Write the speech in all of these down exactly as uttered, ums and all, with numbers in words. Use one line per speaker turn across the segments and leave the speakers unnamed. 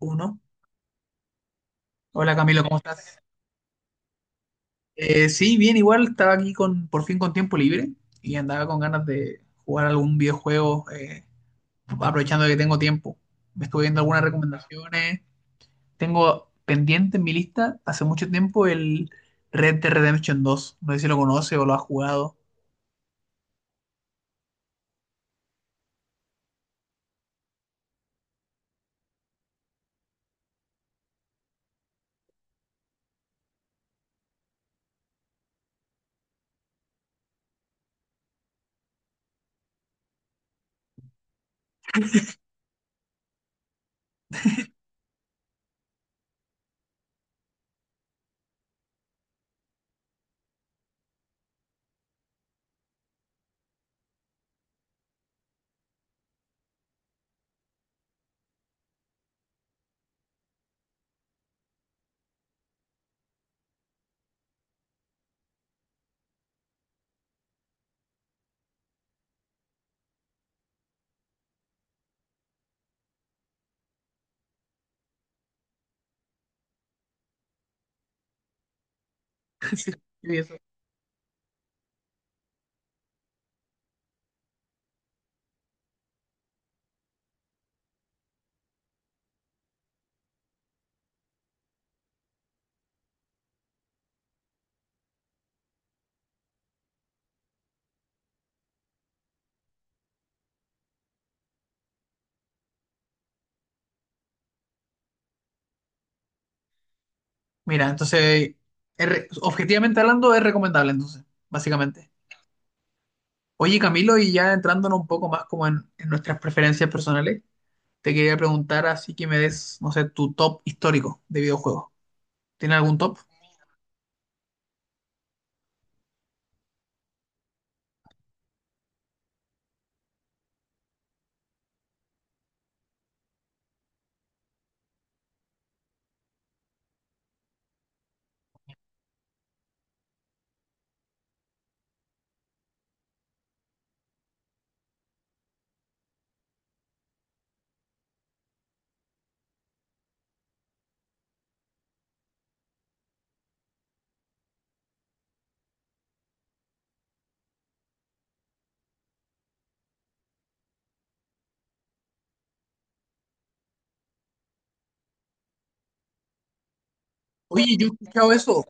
Uno. Hola Camilo, ¿cómo estás? Eh, sí, bien, igual estaba aquí con por fin con tiempo libre y andaba con ganas de jugar algún videojuego, eh, aprovechando que tengo tiempo. Me estuve viendo algunas recomendaciones. Tengo pendiente en mi lista hace mucho tiempo el Red Dead Redemption dos. No sé si lo conoce o lo ha jugado. Sí, sí, eso. Mira, entonces, es re- objetivamente hablando, es recomendable, entonces, básicamente. Oye, Camilo, y ya entrándonos un poco más como en, en nuestras preferencias personales, te quería preguntar así que me des, no sé, tu top histórico de videojuegos. ¿Tienes algún top? Oye, yo he escuchado eso,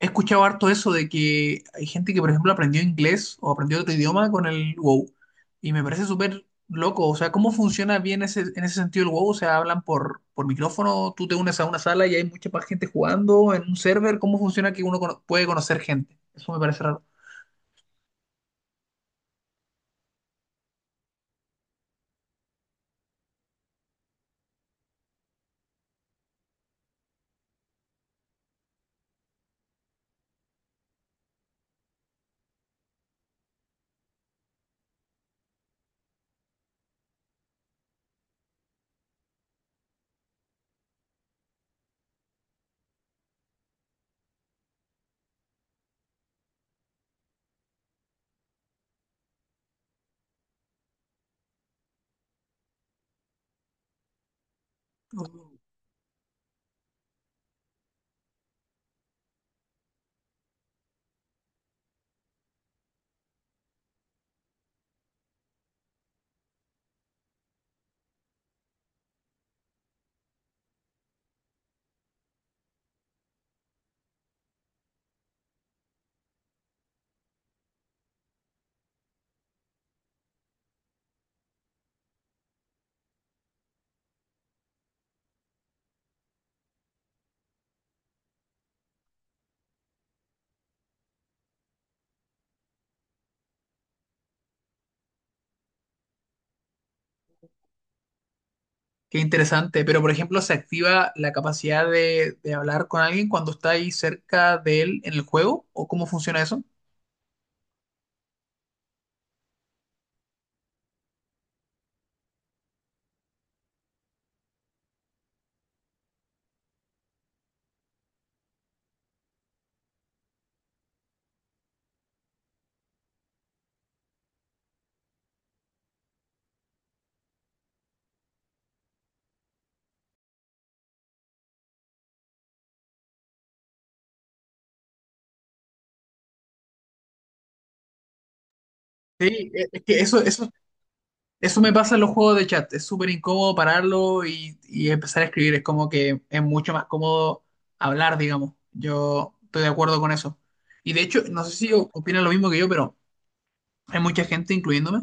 he escuchado harto eso de que hay gente que, por ejemplo, aprendió inglés o aprendió otro idioma con el WoW. Y me parece súper loco. O sea, ¿cómo funciona bien ese, en ese sentido el WoW? O sea, hablan por, por micrófono, tú te unes a una sala y hay mucha más gente jugando en un server. ¿Cómo funciona que uno cono- puede conocer gente? Eso me parece raro. Qué interesante, pero por ejemplo, se activa la capacidad de, de hablar con alguien cuando está ahí cerca de él en el juego, ¿o cómo funciona eso? Sí, es es que eso, eso, eso me pasa en los juegos de chat, es súper incómodo pararlo y, y empezar a escribir, es como que es mucho más cómodo hablar, digamos, yo estoy de acuerdo con eso. Y de hecho, no sé si o- opinan lo mismo que yo, pero hay mucha gente, incluyéndome,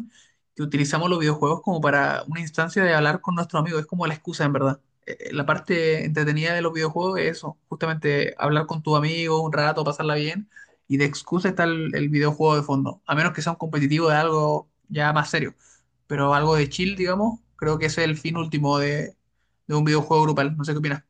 que utilizamos los videojuegos como para una instancia de hablar con nuestros amigos. Es como la excusa, en verdad. Eh, eh, La parte entretenida de los videojuegos es eso, justamente hablar con tu amigo un rato, pasarla bien, y de excusa está el, el videojuego de fondo, a menos que sea un competitivo de algo ya más serio, pero algo de chill, digamos, creo que ese es el fin último de, de un videojuego grupal. No sé qué opinas.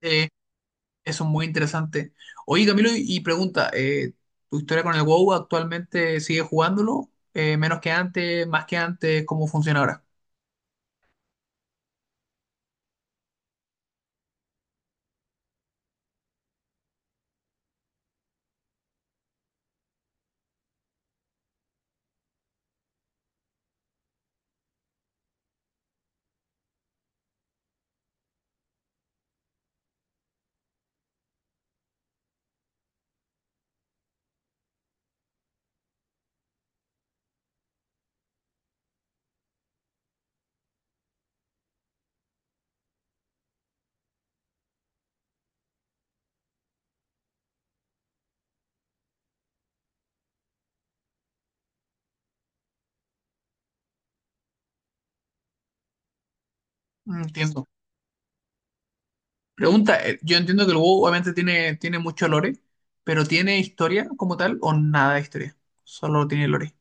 Eh, Eso es muy interesante. Oye, Camilo, y y pregunta, eh, ¿tu historia con el WoW actualmente sigue jugándolo? Eh, ¿menos que antes? ¿Más que antes? ¿Cómo funciona ahora? Mm, Entiendo. Pregunta, eh, yo entiendo que el WoW obviamente tiene, tiene mucho lore, pero ¿tiene historia como tal o nada de historia? Solo tiene lore.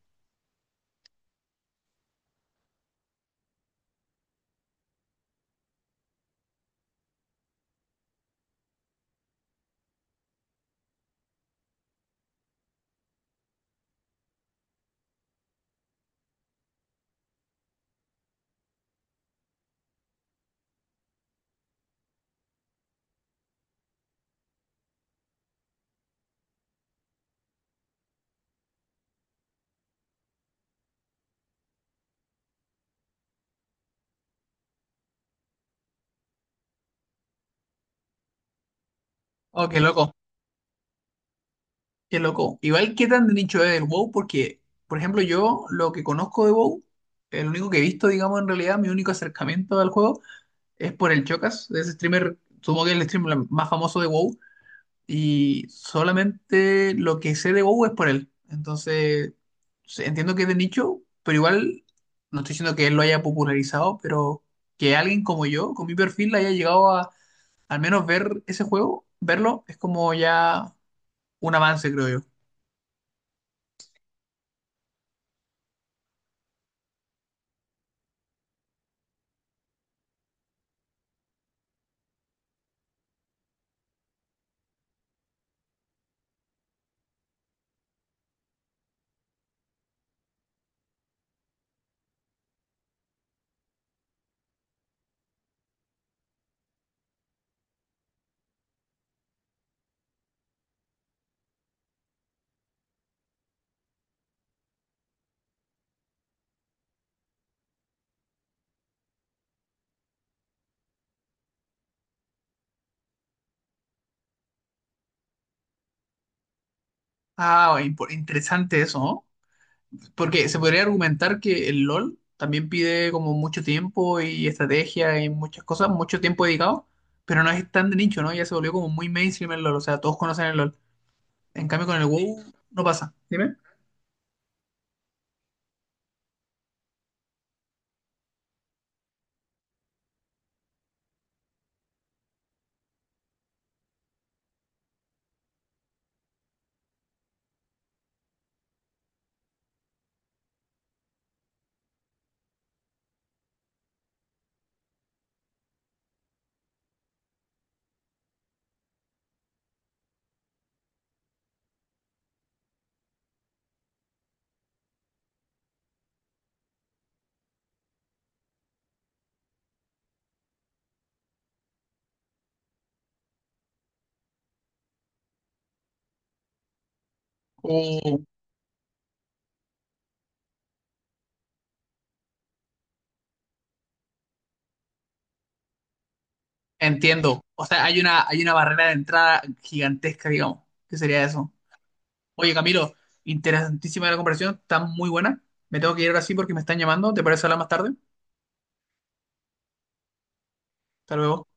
Oh, qué loco, qué loco. Igual, ¿qué tan de nicho es el WoW? Porque, por ejemplo, yo lo que conozco de WoW, el único que he visto, digamos, en realidad, mi único acercamiento al juego, es por el Chocas, ese streamer, supongo que es el streamer más famoso de WoW, y solamente lo que sé de WoW es por él. Entonces, se- entiendo que es de nicho, pero igual no estoy diciendo que él lo haya popularizado, pero que alguien como yo, con mi perfil, haya llegado a al menos ver ese juego, verlo, es como ya un avance, creo yo. Ah, impo- interesante eso, ¿no? Porque se podría argumentar que el L O L también pide como mucho tiempo y estrategia y muchas cosas, mucho tiempo dedicado, pero no es tan de nicho, ¿no? Ya se volvió como muy mainstream el L O L, o sea, todos conocen el L O L. En cambio con el WoW no pasa. Dime. O- Entiendo. O sea, hay una, hay una barrera de entrada gigantesca, digamos, que sería eso. Oye, Camilo, interesantísima la conversación, está muy buena. Me tengo que ir ahora sí porque me están llamando, ¿te parece hablar más tarde? Hasta luego.